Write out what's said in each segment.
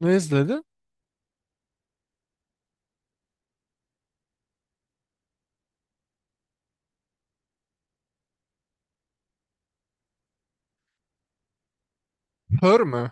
Ne izledin? Her mü?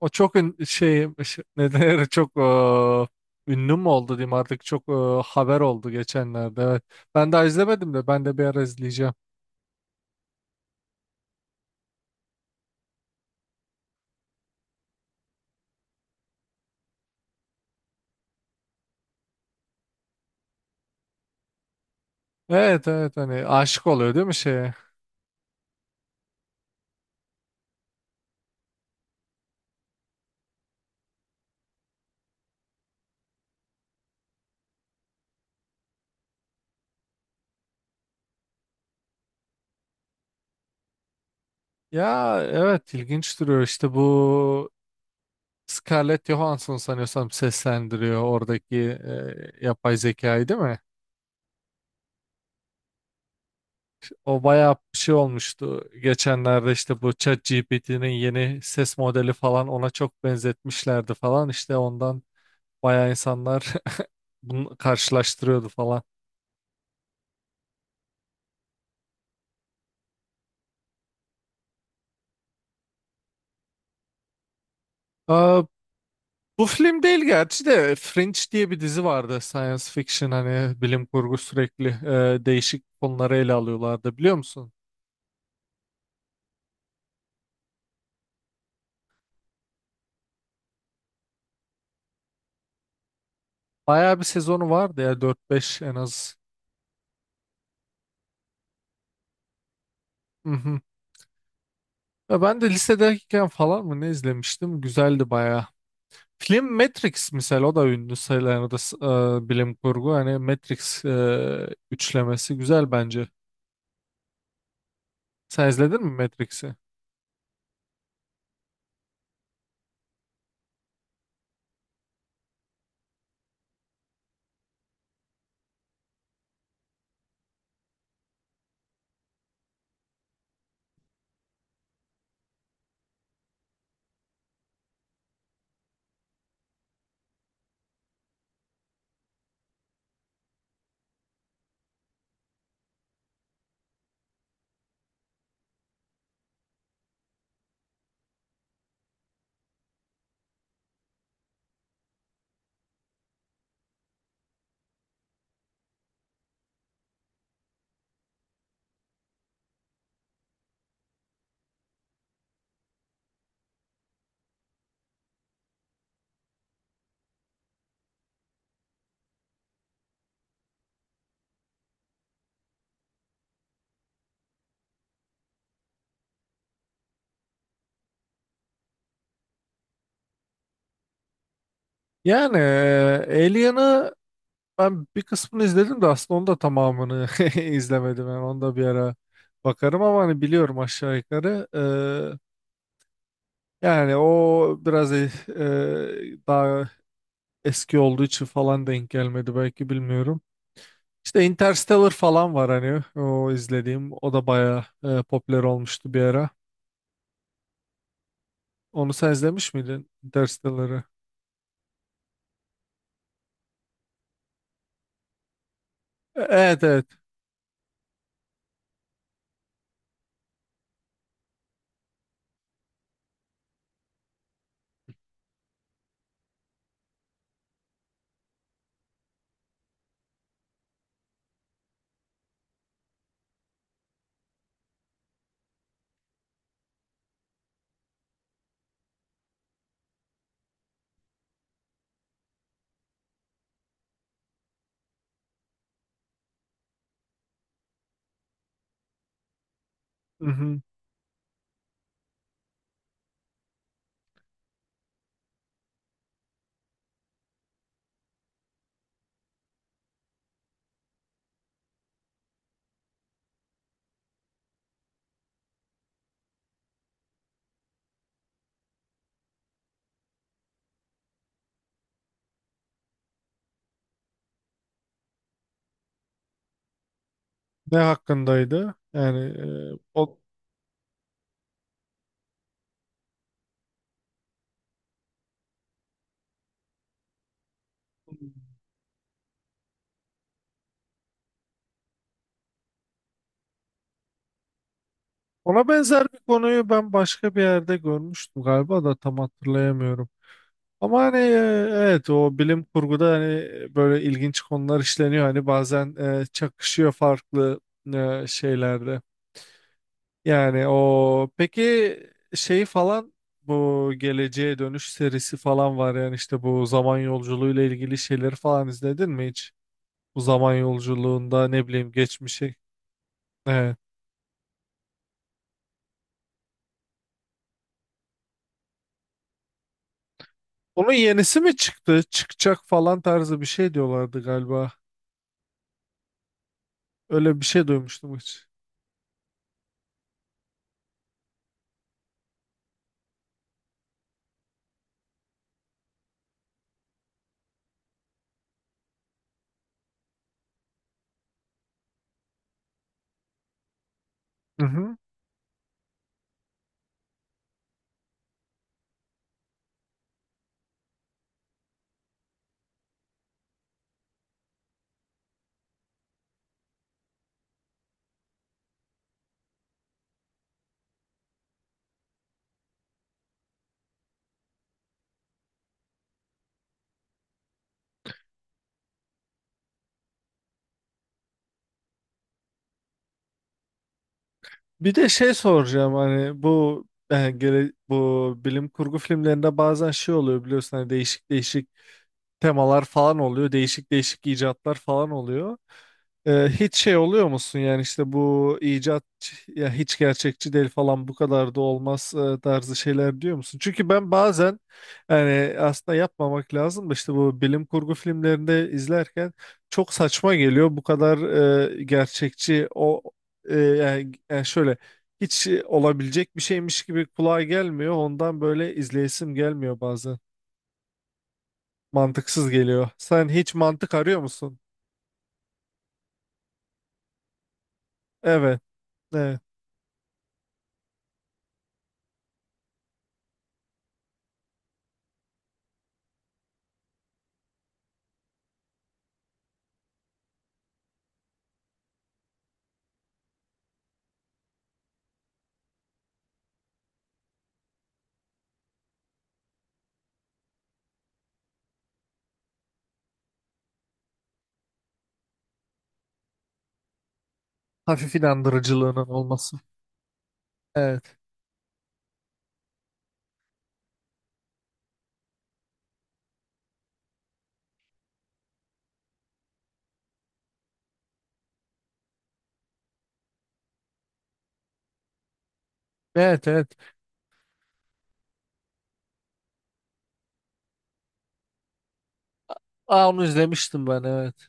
O çok ne denir, çok ünlü mü oldu diyeyim artık, çok haber oldu geçenlerde, evet. Ben daha izlemedim de, ben de bir ara izleyeceğim. Evet evet, hani aşık oluyor değil mi şeye? Ya evet, ilginç duruyor işte. Bu Scarlett Johansson sanıyorsam seslendiriyor oradaki yapay zekayı değil mi? O bayağı bir şey olmuştu. Geçenlerde işte bu ChatGPT'nin yeni ses modeli falan ona çok benzetmişlerdi falan. İşte ondan bayağı insanlar bunu karşılaştırıyordu falan. Aa, bu film değil gerçi de Fringe diye bir dizi vardı. Science fiction, hani bilim kurgu, sürekli değişik konuları ele alıyorlardı, biliyor musun? Bayağı bir sezonu vardı ya, dört beş en az. Hı hı. Ya ben de lisedeyken falan mı ne izlemiştim? Güzeldi bayağı. Film Matrix misal, o da ünlü sayılan, o da bilim kurgu. Hani Matrix üçlemesi güzel bence. Sen izledin mi Matrix'i? Yani Alien'ı ben bir kısmını izledim de, aslında onu da tamamını izlemedim. Yani onu da bir ara bakarım ama hani biliyorum aşağı yukarı. Yani o biraz daha eski olduğu için falan denk gelmedi belki, bilmiyorum. İşte Interstellar falan var, hani o izlediğim, o da bayağı popüler olmuştu bir ara. Onu sen izlemiş miydin, Interstellar'ı? Evet evet. Mhm. Ne hakkındaydı? Yani e, o, ona benzer bir konuyu ben başka bir yerde görmüştüm galiba da tam hatırlayamıyorum. Ama hani, evet, o bilim kurguda hani böyle ilginç konular işleniyor. Hani bazen çakışıyor farklı şeylerde. Yani o peki, şey falan, bu Geleceğe Dönüş serisi falan var. Yani işte bu zaman yolculuğuyla ilgili şeyleri falan izledin mi hiç? Bu zaman yolculuğunda, ne bileyim, geçmişi. Evet. Onun yenisi mi çıktı? Çıkacak falan tarzı bir şey diyorlardı galiba. Öyle bir şey duymuştum hiç. Hı hı. Bir de şey soracağım. Hani bu bu bilim kurgu filmlerinde bazen şey oluyor biliyorsun, hani değişik değişik temalar falan oluyor. Değişik değişik icatlar falan oluyor. Hiç şey oluyor musun, yani işte bu icat ya hiç gerçekçi değil falan, bu kadar da olmaz tarzı şeyler diyor musun? Çünkü ben bazen, yani aslında yapmamak lazım da, işte bu bilim kurgu filmlerinde izlerken çok saçma geliyor. Bu kadar gerçekçi yani şöyle, hiç olabilecek bir şeymiş gibi kulağa gelmiyor. Ondan böyle izleyesim gelmiyor bazen. Mantıksız geliyor. Sen hiç mantık arıyor musun? Evet. Evet. Hafif inandırıcılığının olması. Evet. Evet evet. Aa, onu izlemiştim ben, evet.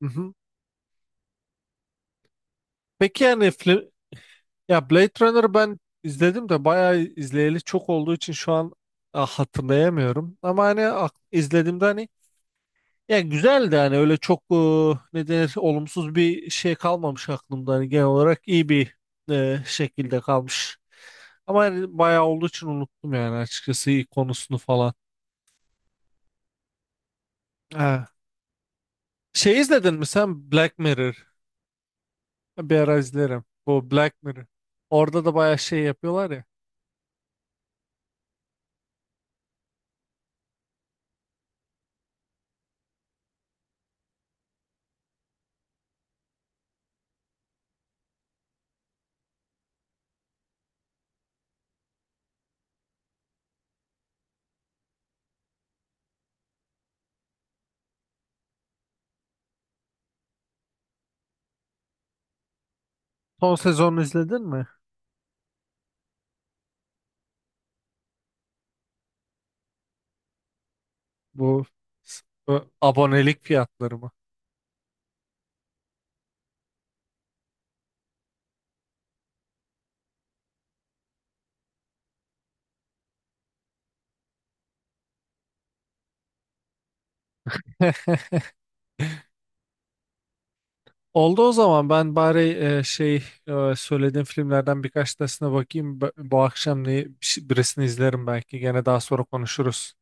Hı hı. Peki yani ya, Blade Runner ben izledim de bayağı izleyeli çok olduğu için şu an ah, hatırlayamıyorum. Ama hani izlediğimde hani, ya güzel de, hani öyle çok ne denir, olumsuz bir şey kalmamış aklımda. Hani genel olarak iyi bir şekilde kalmış. Ama hani bayağı olduğu için unuttum yani, açıkçası iyi konusunu falan. Ha. Şey, izledin mi sen Black Mirror? Bir ara izlerim. Bu Black Mirror. Orada da bayağı şey yapıyorlar ya. Son sezonu izledin mi? Bu bu abonelik fiyatları mı? Oldu, o zaman ben bari şey, söylediğim filmlerden birkaç tanesine bakayım. Bu akşam birisini izlerim belki. Gene daha sonra konuşuruz.